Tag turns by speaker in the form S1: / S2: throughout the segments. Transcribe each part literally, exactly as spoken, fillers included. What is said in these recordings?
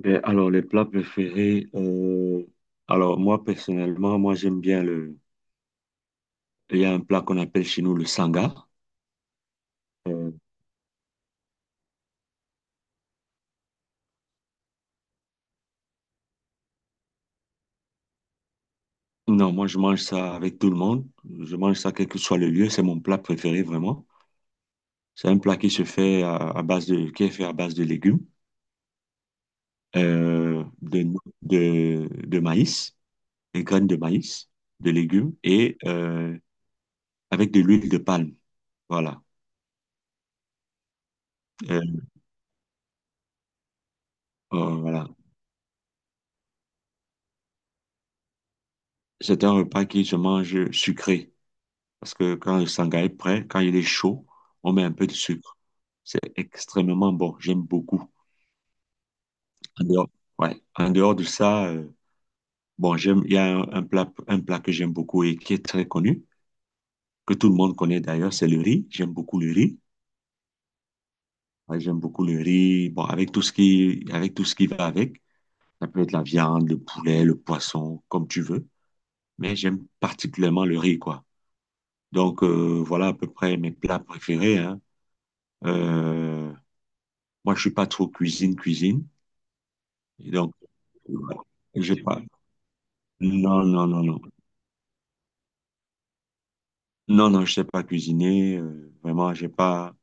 S1: Ben, alors, les plats préférés, euh, alors moi personnellement, moi j'aime bien le... Il y a un plat qu'on appelle chez nous le sanga. Euh, non, moi je mange ça avec tout le monde. Je mange ça quel que soit le lieu. C'est mon plat préféré vraiment. C'est un plat qui se fait à, à base de... qui est fait à base de légumes, euh, de, no- de, de maïs, des graines de maïs, de légumes et euh, avec de l'huile de palme. Voilà. Euh, euh, voilà. C'est un repas qui se mange sucré. Parce que quand le sangai est prêt, quand il est chaud, on met un peu de sucre. C'est extrêmement bon. J'aime beaucoup. En dehors, ouais. En dehors de ça, euh, bon, j'aime, il y a un, un plat, un plat que j'aime beaucoup et qui est très connu, que tout le monde connaît d'ailleurs, c'est le riz. J'aime beaucoup le riz. Ouais, j'aime beaucoup le riz. Bon, avec tout ce qui, avec tout ce qui va avec. Ça peut être la viande, le poulet, le poisson, comme tu veux. Mais j'aime particulièrement le riz, quoi. Donc, euh, voilà à peu près mes plats préférés, hein. Euh, Moi, je suis pas trop cuisine, cuisine. Et donc, ouais, j'ai pas. Non, non, non, non. Non, non, je sais pas cuisiner. Euh, vraiment, j'ai pas.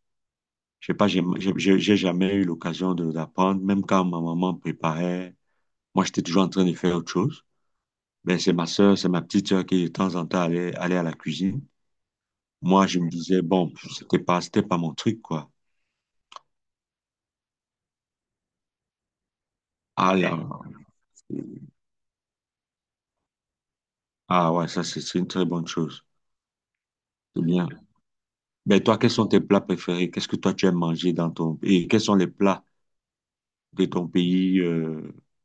S1: J'ai pas, j'ai j'ai- j'ai- j'ai jamais eu l'occasion de d'apprendre. Même quand ma maman préparait, moi, j'étais toujours en train de faire autre chose. Ben, c'est ma sœur, c'est ma petite sœur qui, de temps en temps, allait, allait à la cuisine. Moi, je me disais, bon, c'était pas, c'était pas mon truc, quoi. Ah là, ah ouais, ça, c'est c'est une très bonne chose. C'est bien. Ben, toi, quels sont tes plats préférés? Qu'est-ce que toi, tu aimes manger dans ton... Et quels sont les plats de ton pays, euh,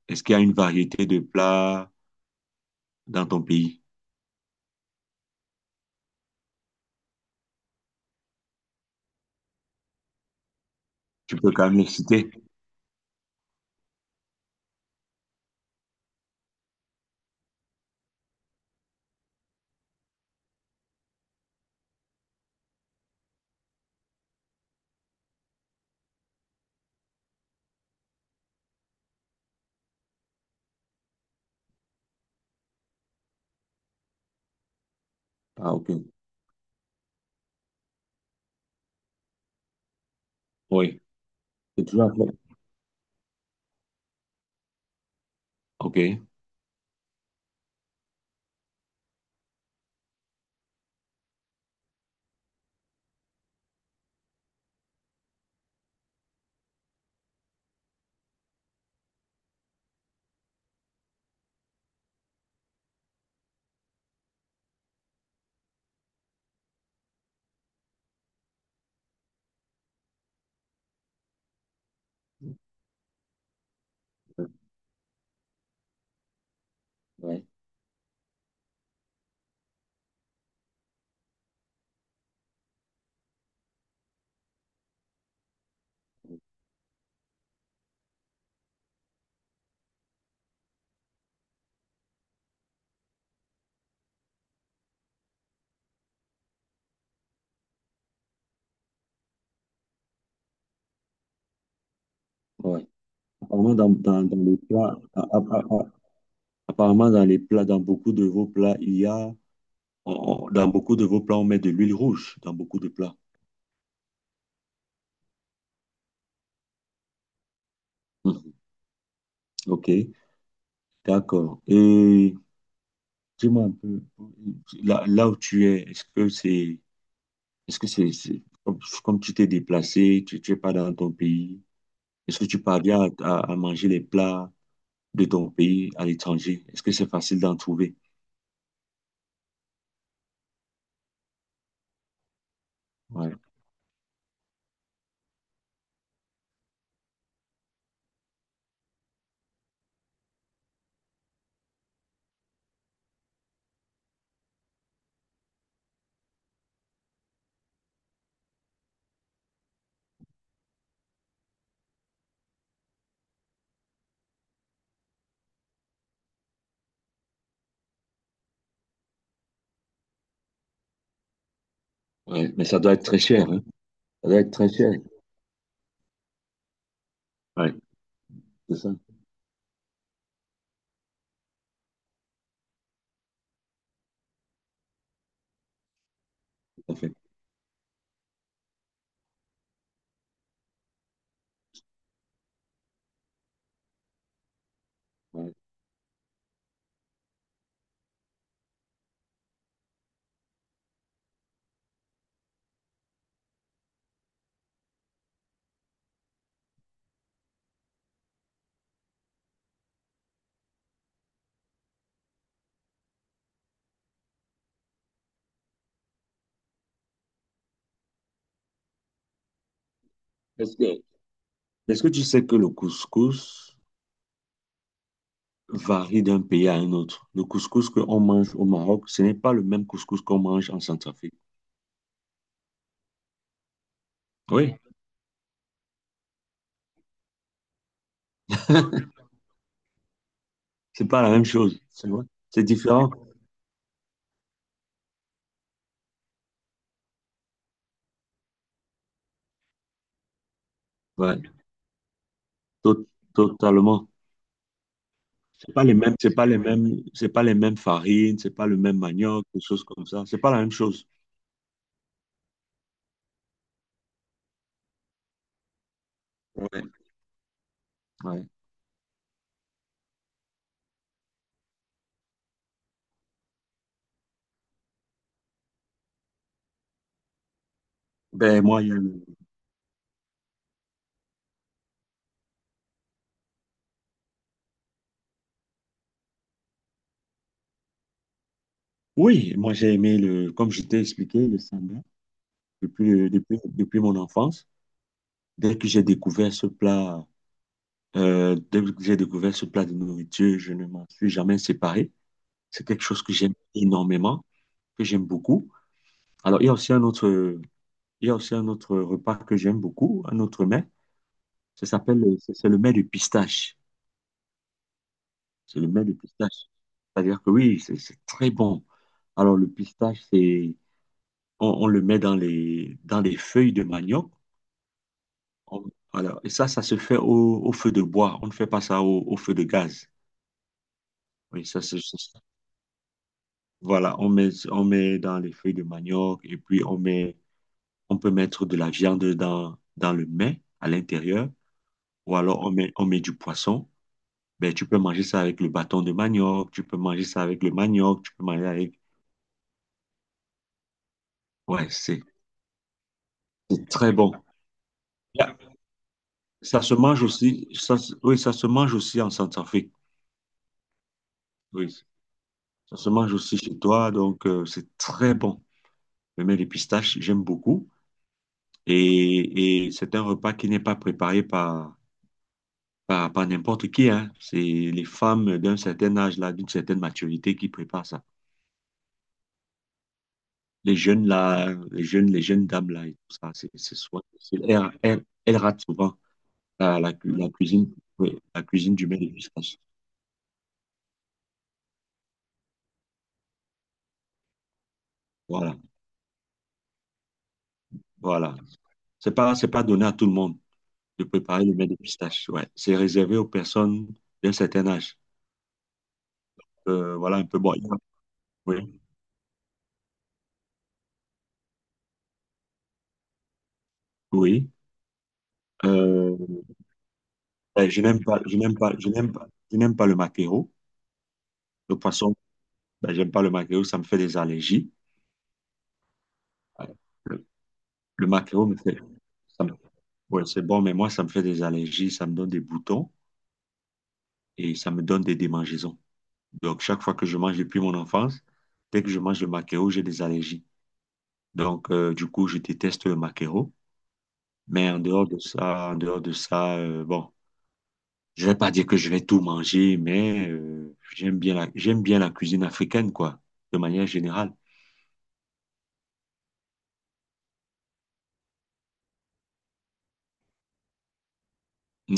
S1: est-ce qu'il y a une variété de plats dans ton pays? Tu peux quand même les citer? Ah, ok. Oui, c'est toujours à faire. Ok. Ouais, ouais. Apparemment, dans, dans, dans les plats, a- a- a- a- apparemment, dans les plats, dans beaucoup de vos plats, il y a, on- on- dans beaucoup de vos plats, on met de l'huile rouge, dans beaucoup de plats. Mhm. Ok, d'accord. Et dis-moi un peu, là, là où tu es, est-ce que c'est, est-ce que c'est, c'est- comme, comme tu t'es déplacé, tu, tu es pas dans ton pays. Est-ce que tu parviens à, à- à manger les plats de ton pays à l'étranger? Est-ce que c'est facile d'en trouver? Ouais, ouais, mais ça doit être très cher, hein? Ça doit être très cher. Ouais, c'est ça, tout à fait. Ouais. Est-ce que, est-ce que tu sais que le couscous varie d'un pays à un autre? Le couscous qu'on mange au Maroc, ce n'est pas le même couscous qu'on mange en Centrafrique. Oui, c'est pas la même chose, c'est vrai. C'est différent. Ouais, to- totalement. C'est pas les mêmes, c'est pas les mêmes, c'est pas les mêmes farines, c'est pas le même manioc, des choses comme ça. C'est pas la même chose. Ouais, ouais. Ben, moi, il y a le- oui, moi, j'ai aimé le, comme je t'ai expliqué, le samba depuis, depuis, depuis mon enfance. Dès que j'ai découvert ce plat, euh, Dès que j'ai découvert ce plat de nourriture, je ne m'en suis jamais séparé. C'est quelque chose que j'aime énormément, que j'aime beaucoup. Alors, il y a aussi un autre, il y a aussi un autre repas que j'aime beaucoup, un autre mets. Ça s'appelle, le- c'est c'est le mets de pistache. C'est le mets de pistache. C'est-à-dire que oui, c'est c'est très bon. Alors, le pistache, c'est on, on le met dans les, dans les feuilles de manioc. On- voilà. Et ça, ça se fait au, au feu de bois. On ne fait pas ça au, au feu de gaz. Oui, ça, c'est- c'est- voilà, on met, on met dans les feuilles de manioc et puis on met, on peut mettre de la viande dans, dans le mets à l'intérieur ou alors on met, on met du poisson. Ben, tu peux manger ça avec le bâton de manioc, tu peux manger ça avec le manioc, tu peux manger avec... Ouais, c'est c'est très bon. Là, ça se mange aussi, ça, se- oui, ça se mange aussi en Centrafrique. Oui, ça se mange aussi chez toi, donc euh, c'est très bon. Le miel de pistache, j'aime beaucoup. Et, et c'est un repas qui n'est pas préparé par, par, par n'importe qui, hein. C'est les femmes d'un certain âge, là, d'une certaine maturité qui préparent ça. Les jeunes, là, les jeunes, les jeunes dames, là, et tout ça, c'est, c'est souvent- c'est- elles, elles- elles ratent souvent la, la, cu- la cuisine, oui, la cuisine du miel de pistache. Voilà, voilà. C'est pas, c'est pas donné à tout le monde de préparer le miel de pistache, ouais. C'est réservé aux personnes d'un certain âge. Euh, voilà, un peu bon. Oui, oui. Euh, ben, je n'aime pas, je n'aime pas, je n'aime pas, je n'aime pas le maquereau. Le poisson, ben, j'aime pas le maquereau, ça me fait des allergies. Le, le maquereau me fait, ça me- ouais, c'est bon, mais moi, ça me fait des allergies, ça me donne des boutons et ça me donne des démangeaisons. Donc, chaque fois que je mange depuis mon enfance, dès que je mange le maquereau, j'ai des allergies. Donc, euh, du coup, je déteste le maquereau. Mais en dehors de ça, en dehors de ça, euh, bon. Je vais pas dire que je vais tout manger, mais euh, j'aime bien la, j'aime bien la cuisine africaine, quoi, de manière générale.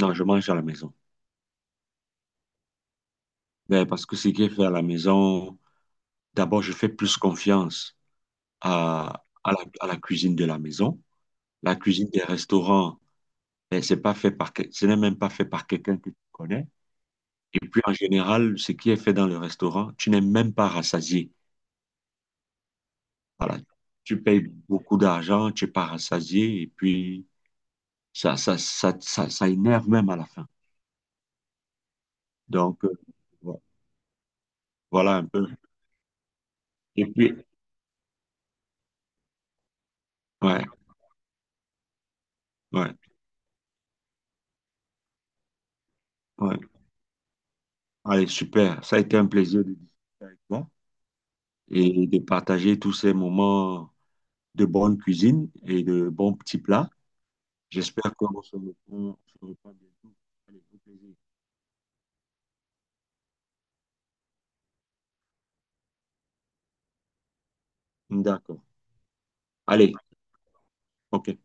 S1: Non, je mange à la maison. Ben, parce que ce qui est fait à la maison, d'abord, je fais plus confiance à, à la, à la cuisine de la maison. La cuisine des restaurants, ben, c'est pas fait par, que- ce n'est même pas fait par quelqu'un que tu connais. Et puis, en général, ce qui est fait dans le restaurant, tu n'es même pas rassasié. Voilà. Tu payes beaucoup d'argent, tu n'es pas rassasié, et puis ça, ça, ça, ça, ça énerve même à la fin. Donc, euh, vo- voilà un peu. Et puis, ouais, ouais, ouais. Allez, super. Ça a été un plaisir de discuter avec toi et de partager tous ces moments de bonne cuisine et de bons petits plats. J'espère qu'on se reprend, on se reprend bientôt. Allez, au plaisir. D'accord. Allez, OK.